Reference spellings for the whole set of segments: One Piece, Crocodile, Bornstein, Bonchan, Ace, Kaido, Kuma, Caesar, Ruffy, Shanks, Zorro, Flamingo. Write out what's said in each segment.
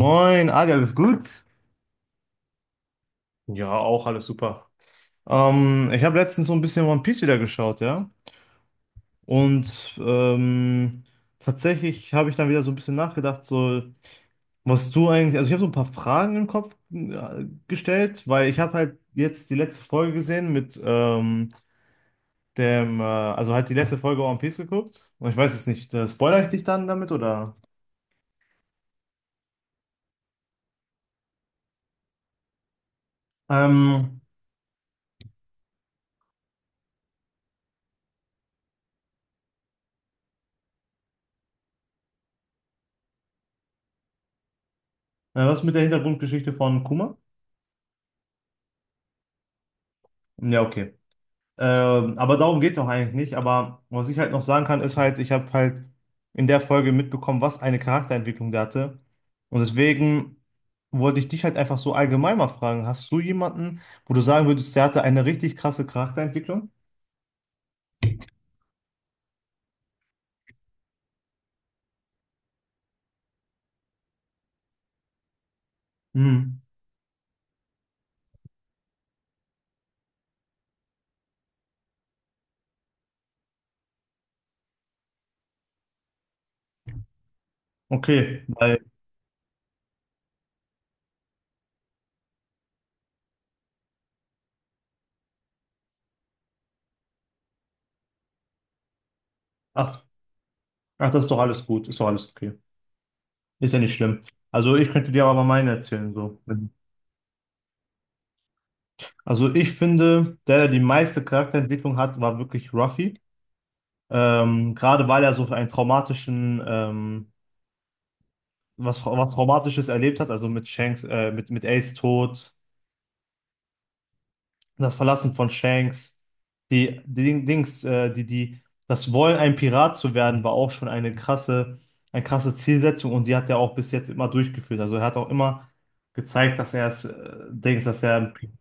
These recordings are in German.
Moin, Adi, alles gut? Ja, auch alles super. Ich habe letztens so ein bisschen One Piece wieder geschaut, ja. Und tatsächlich habe ich dann wieder so ein bisschen nachgedacht, so, was du eigentlich, also ich habe so ein paar Fragen im Kopf gestellt, weil ich habe halt jetzt die letzte Folge gesehen mit dem, also halt die letzte Folge One Piece geguckt. Und ich weiß jetzt nicht, spoiler ich dich dann damit oder? Ähm, Was mit der Hintergrundgeschichte von Kuma? Ja, okay. Aber darum geht es auch eigentlich nicht. Aber was ich halt noch sagen kann, ist halt, ich habe halt in der Folge mitbekommen, was eine Charakterentwicklung der hatte. Und deswegen wollte ich dich halt einfach so allgemein mal fragen, hast du jemanden, wo du sagen würdest, der hatte eine richtig krasse Charakterentwicklung? Hm, okay, weil, ach, ach, das ist doch alles gut, ist doch alles okay. Ist ja nicht schlimm. Also ich könnte dir aber mal meine erzählen, so. Also ich finde, der die meiste Charakterentwicklung hat, war wirklich Ruffy. Gerade weil er so einen traumatischen, was Traumatisches erlebt hat, also mit Shanks, mit Ace Tod, das Verlassen von Shanks, die, die Ding- Dings, die, die, das Wollen, ein Pirat zu werden, war auch schon eine krasse Zielsetzung und die hat er auch bis jetzt immer durchgeführt. Also er hat auch immer gezeigt, dass er es, Dings, dass er ein Pirat.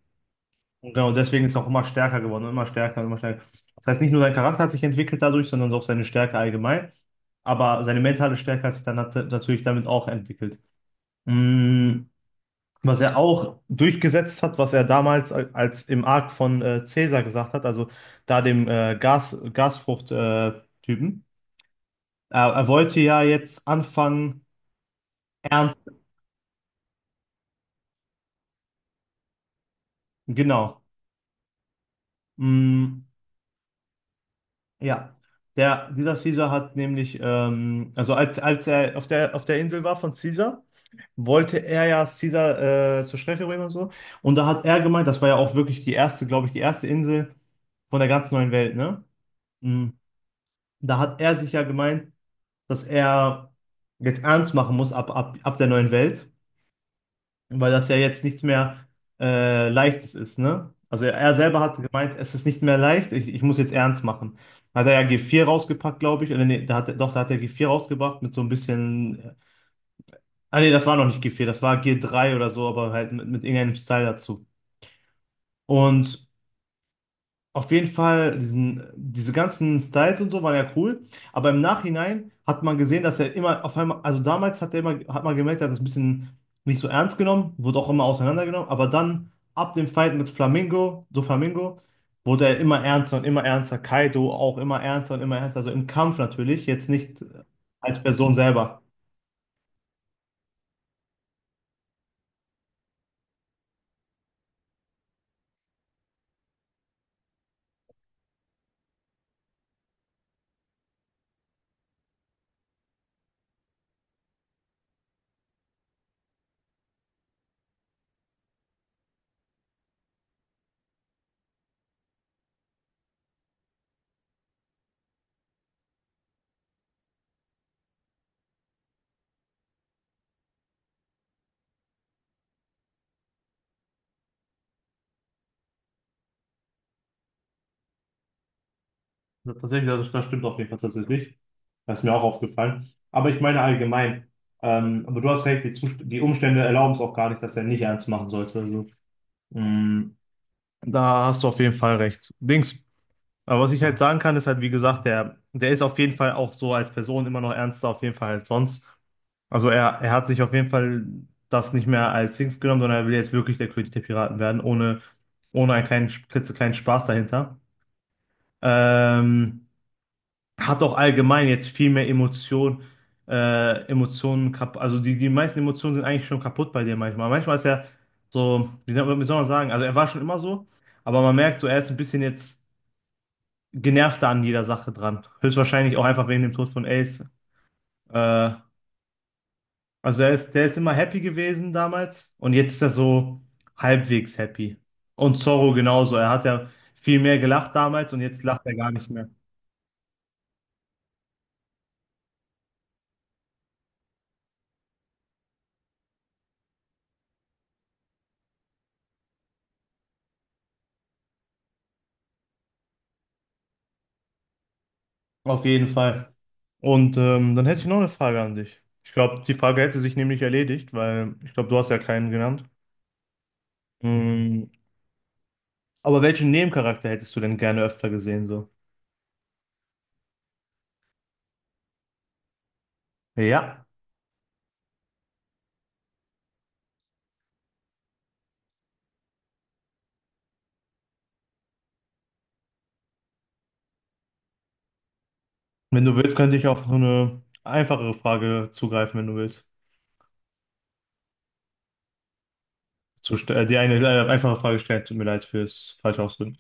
Und genau deswegen ist er auch immer stärker geworden, und immer stärker und immer stärker. Das heißt, nicht nur sein Charakter hat sich entwickelt dadurch, sondern auch seine Stärke allgemein. Aber seine mentale Stärke hat sich dann natürlich damit auch entwickelt. Mm, was er auch durchgesetzt hat, was er damals als im Arc von Caesar gesagt hat, also da dem Gasfrucht-Typen. Typen. Er wollte ja jetzt anfangen, ernst, genau. Mm, ja, dieser Caesar hat nämlich, also als, als er auf der Insel war von Caesar, wollte er ja Caesar zur Strecke bringen und so. Und da hat er gemeint, das war ja auch wirklich die erste, glaube ich, die erste Insel von der ganz neuen Welt, ne? Mhm. Da hat er sich ja gemeint, dass er jetzt ernst machen muss ab der neuen Welt, weil das ja jetzt nichts mehr Leichtes ist, ne? Also er selber hat gemeint, es ist nicht mehr leicht, ich muss jetzt ernst machen. Hat er ja G4 rausgepackt, glaube ich. Oder nee, da hat, doch, da hat er G4 rausgebracht mit so ein bisschen. Ah nee, das war noch nicht G4, das war G3 oder so, aber halt mit irgendeinem Style dazu. Und auf jeden Fall, diese ganzen Styles und so waren ja cool, aber im Nachhinein hat man gesehen, dass er immer auf einmal, also damals hat er immer, hat man gemerkt, er hat das ein bisschen nicht so ernst genommen, wurde auch immer auseinandergenommen, aber dann ab dem Fight mit Flamingo, so Flamingo, wurde er immer ernster und immer ernster, Kaido auch immer ernster und immer ernster, also im Kampf natürlich, jetzt nicht als Person selber. Ja, tatsächlich, ja, das stimmt auf jeden Fall tatsächlich. Das ist mir auch aufgefallen. Aber ich meine allgemein. Aber du hast recht, die Umstände erlauben es auch gar nicht, dass er nicht ernst machen sollte. Also, mh, da hast du auf jeden Fall recht. Dings. Aber was ich halt sagen kann, ist halt, wie gesagt, der ist auf jeden Fall auch so als Person immer noch ernster, auf jeden Fall als sonst. Also er hat sich auf jeden Fall das nicht mehr als Dings genommen, sondern er will jetzt wirklich der König der Piraten werden, ohne, ohne einen kleinen, klitzekleinen Spaß dahinter. Ähm, hat auch allgemein jetzt viel mehr Emotion, Emotionen kaputt. Also die, die meisten Emotionen sind eigentlich schon kaputt bei dir manchmal. Manchmal ist er so, wie soll man sagen, also er war schon immer so, aber man merkt so, er ist ein bisschen jetzt genervter an jeder Sache dran. Höchstwahrscheinlich auch einfach wegen dem Tod von Ace. Äh, also er ist, der ist immer happy gewesen damals und jetzt ist er so halbwegs happy. Und Zorro genauso. Er hat ja viel mehr gelacht damals und jetzt lacht er gar nicht mehr. Auf jeden Fall. Und dann hätte ich noch eine Frage an dich. Ich glaube, die Frage hätte sich nämlich erledigt, weil ich glaube, du hast ja keinen genannt. Mm, aber welchen Nebencharakter hättest du denn gerne öfter gesehen, so? Ja. Wenn du willst, könnte ich auf so eine einfachere Frage zugreifen, wenn du willst. Die eine einfache Frage stellen, tut mir leid fürs falsche Ausdrücken.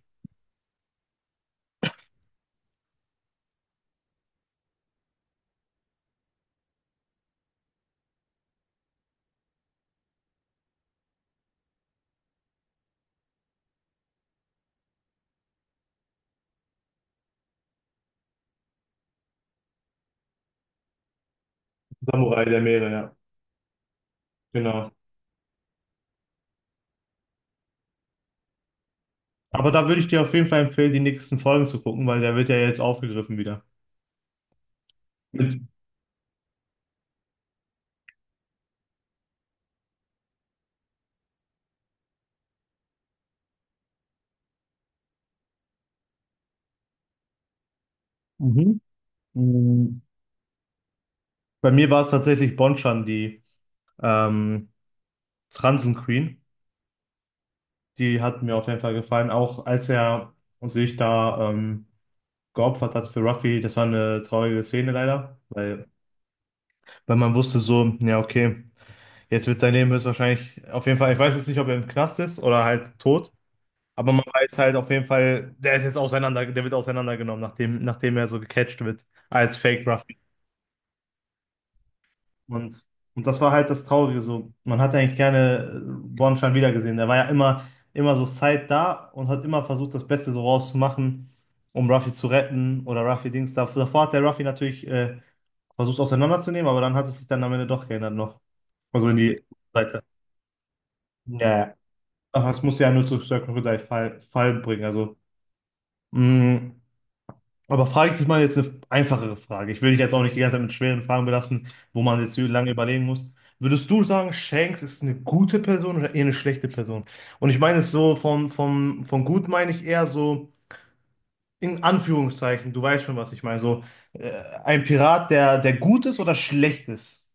Samurai der Meere, ja. Genau. Aber da würde ich dir auf jeden Fall empfehlen, die nächsten Folgen zu gucken, weil der wird ja jetzt aufgegriffen wieder. Mit, mhm. Mm, bei mir war es tatsächlich Bonchan, die ähm, Transen Queen, die hat mir auf jeden Fall gefallen. Auch als er sich da geopfert hat für Ruffy, das war eine traurige Szene leider, weil, weil man wusste so, ja, okay, jetzt wird sein Leben höchstwahrscheinlich, auf jeden Fall, ich weiß jetzt nicht, ob er im Knast ist oder halt tot, aber man weiß halt auf jeden Fall, der ist jetzt auseinander, der wird auseinandergenommen, nachdem, nachdem er so gecatcht wird als Fake Ruffy. Und, und das war halt das Traurige so. Man hat ja eigentlich gerne Bornstein wiedergesehen. Der war ja immer, immer so Zeit da und hat immer versucht, das Beste so rauszumachen, um Ruffy zu retten oder Ruffy Dings. Da Davor hat der Ruffy natürlich versucht auseinanderzunehmen, aber dann hat es sich dann am Ende doch geändert noch. Also in die Seite. Ja, ja. Ach, das muss ja nur zu Circle Crocodile Fall bringen. Also, mh, aber frage ich dich mal jetzt eine einfachere Frage. Ich will dich jetzt auch nicht die ganze Zeit mit schweren Fragen belasten, wo man jetzt lange überlegen muss. Würdest du sagen, Shanks ist eine gute Person oder eher eine schlechte Person? Und ich meine es so, von gut meine ich eher so in Anführungszeichen, du weißt schon, was ich meine. So äh, ein Pirat, der gut ist oder schlecht ist.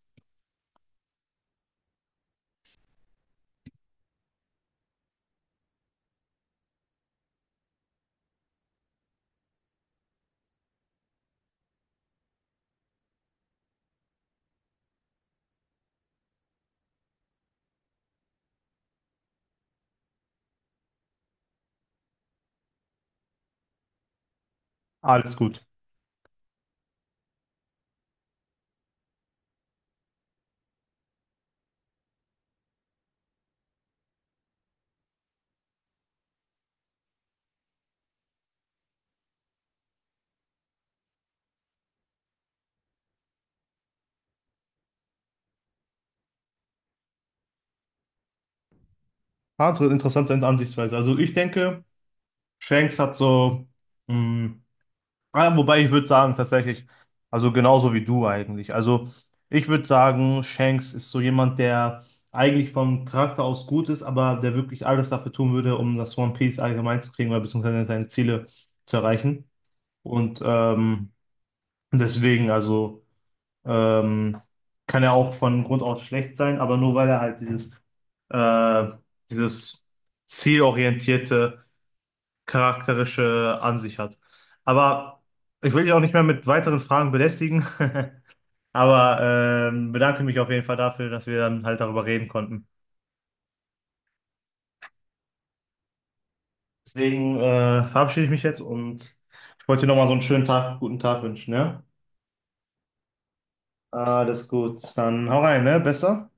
Alles gut. Ja, interessante Ansichtsweise. Also ich denke, Shanks hat so. Mh, ja, wobei ich würde sagen, tatsächlich, also genauso wie du eigentlich. Also ich würde sagen, Shanks ist so jemand, der eigentlich vom Charakter aus gut ist, aber der wirklich alles dafür tun würde, um das One Piece allgemein zu kriegen oder beziehungsweise seine Ziele zu erreichen. Und deswegen, also ähm, kann er auch von Grund aus schlecht sein, aber nur weil er halt dieses, äh, dieses zielorientierte charakterische an sich hat. Aber ich will dich auch nicht mehr mit weiteren Fragen belästigen, aber bedanke mich auf jeden Fall dafür, dass wir dann halt darüber reden konnten. Deswegen verabschiede ich mich jetzt und ich wollte dir nochmal so einen schönen Tag, guten Tag wünschen, ja? Alles gut, dann hau rein, ne? Besser?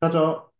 Ciao, ciao.